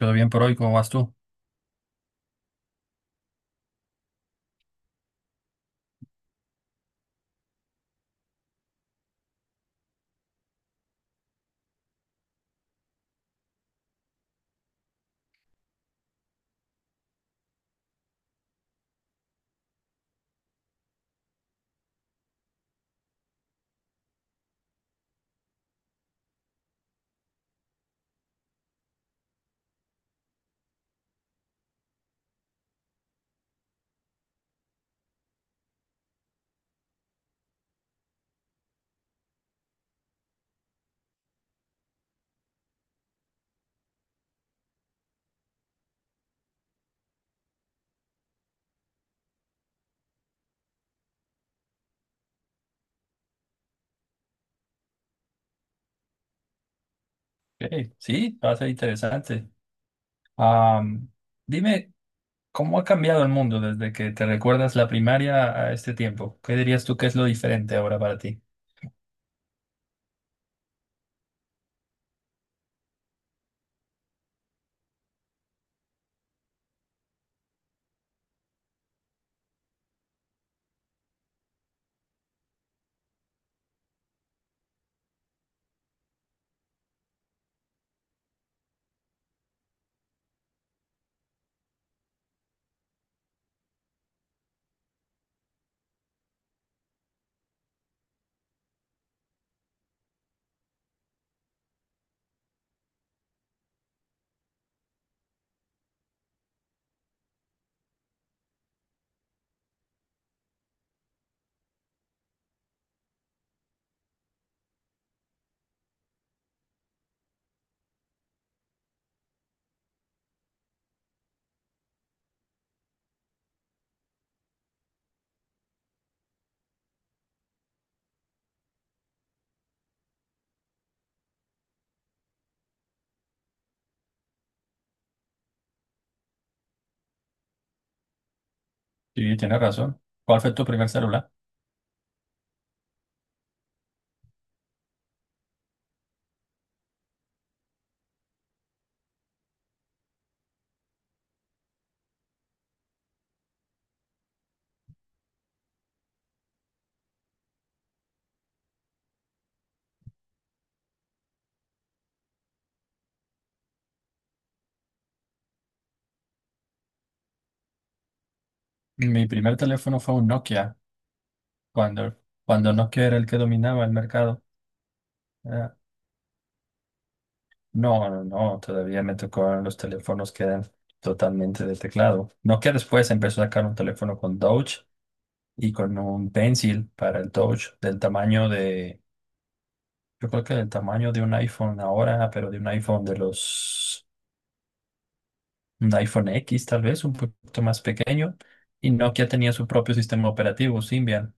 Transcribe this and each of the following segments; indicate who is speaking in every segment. Speaker 1: Todo bien por hoy, ¿cómo vas tú? Ok. Sí, va a ser interesante. Am, dime, ¿cómo ha cambiado el mundo desde que te recuerdas la primaria a este tiempo? ¿Qué dirías tú que es lo diferente ahora para ti? Sí, tienes razón. ¿Cuál fue tu primer celular? Mi primer teléfono fue un Nokia, cuando, cuando Nokia era el que dominaba el mercado. Ah, no, no, no, todavía me tocaron los teléfonos que eran totalmente de teclado. No que después empezó a sacar un teléfono con Touch y con un Pencil para el Touch del tamaño de, yo creo que del tamaño de un iPhone ahora, pero de un iPhone de los, un iPhone X tal vez, un poquito más pequeño. Y Nokia tenía su propio sistema operativo, Symbian.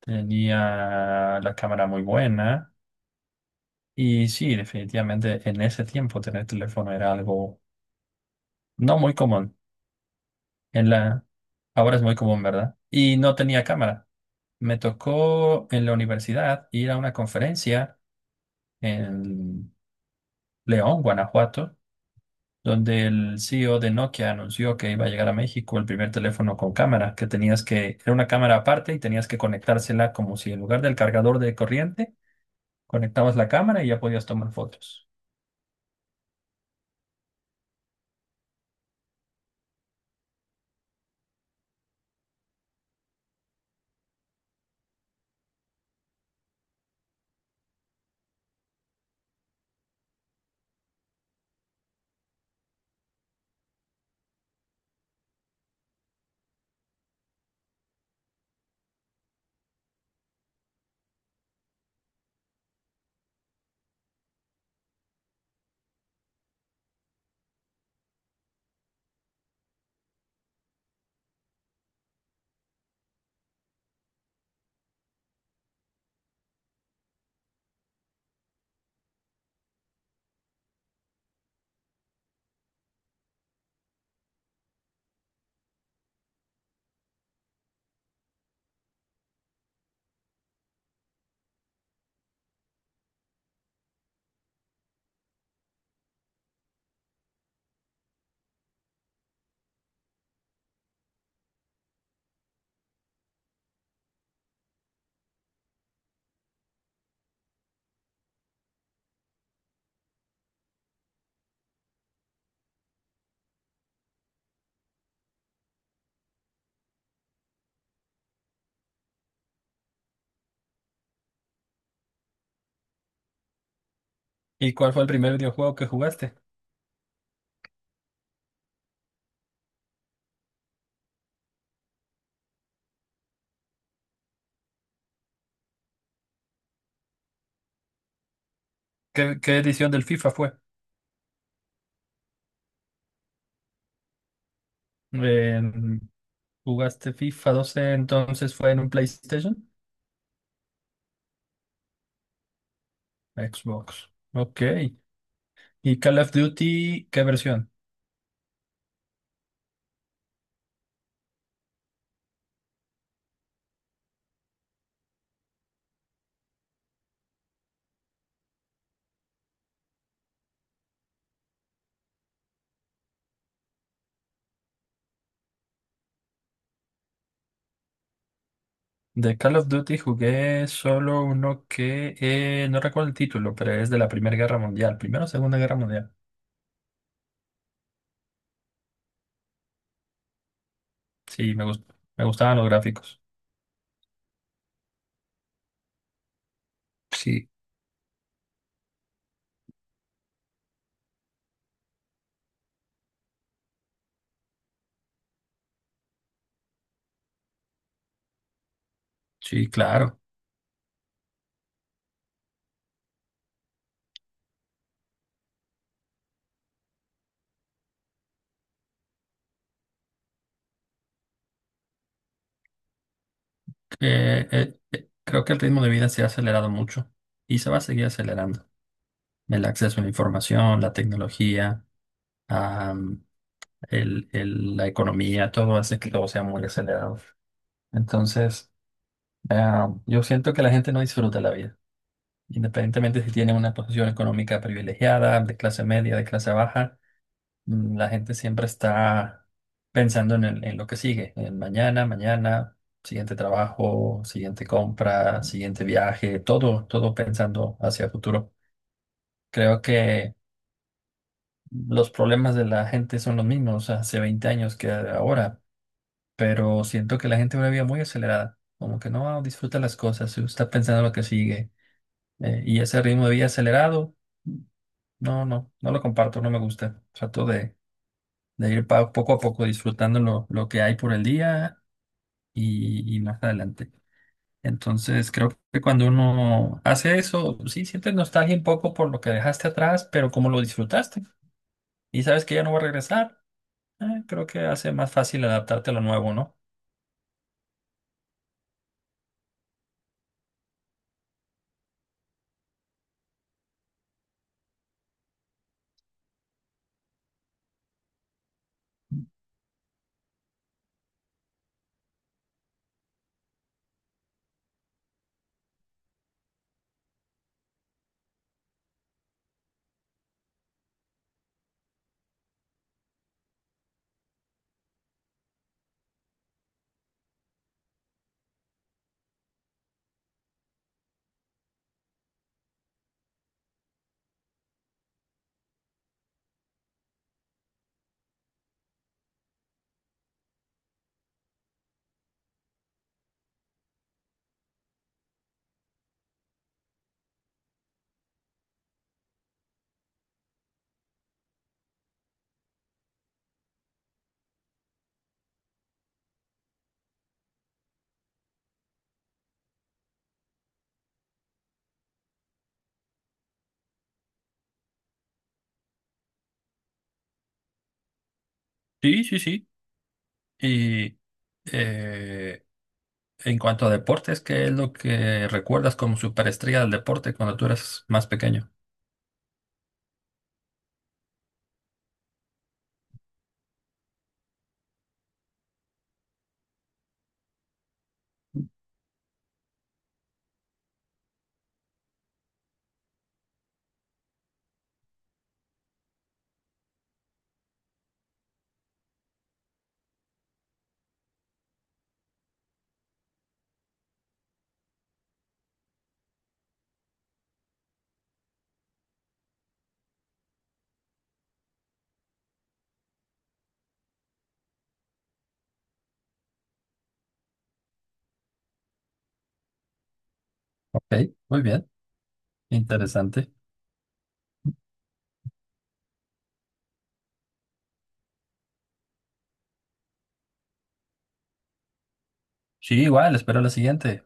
Speaker 1: Tenía la cámara muy buena. Y sí, definitivamente en ese tiempo tener teléfono era algo no muy común. En la... Ahora es muy común, ¿verdad? Y no tenía cámara. Me tocó en la universidad ir a una conferencia en León, Guanajuato, donde el CEO de Nokia anunció que iba a llegar a México el primer teléfono con cámara, que tenías que, era una cámara aparte y tenías que conectársela como si en lugar del cargador de corriente, conectabas la cámara y ya podías tomar fotos. ¿Y cuál fue el primer videojuego que jugaste? ¿Qué, qué edición del FIFA fue? Eh, ¿Jugaste FIFA 12, entonces fue en un PlayStation? Xbox. Ok. ¿Y Call of Duty, qué versión? De Call of Duty jugué solo uno que no recuerdo el título, pero es de la Primera Guerra Mundial. Primera o Segunda Guerra Mundial. Sí, me gustaban los gráficos. Sí, sí, claro. Creo que el ritmo de vida se ha acelerado mucho y se va a seguir acelerando. El acceso a la información, la tecnología. La economía, todo hace que todo sea muy acelerado. Entonces, yo siento que la gente no disfruta la vida, independientemente si tiene una posición económica privilegiada, de clase media, de clase baja, la gente siempre está pensando en lo que sigue, en mañana, mañana, siguiente trabajo, siguiente compra, siguiente viaje, todo, todo pensando hacia el futuro. Creo que los problemas de la gente son los mismos hace 20 años que ahora, pero siento que la gente va una vida muy acelerada, como que no disfruta las cosas, se está pensando en lo que sigue, y ese ritmo de vida acelerado, no, no, no lo comparto, no me gusta. Trato de, poco a poco disfrutando lo que hay por el día y más adelante. Entonces, creo que cuando uno hace eso, sí sientes nostalgia un poco por lo que dejaste atrás, pero como lo disfrutaste y sabes que ya no va a regresar, creo que hace más fácil adaptarte a lo nuevo, ¿no? Sí, sí, sí. Y eh, en cuanto a deportes, ¿qué es lo que recuerdas como superestrella del deporte cuando tú eras más pequeño? Ok, muy bien, interesante. Sí, igual, espero la siguiente.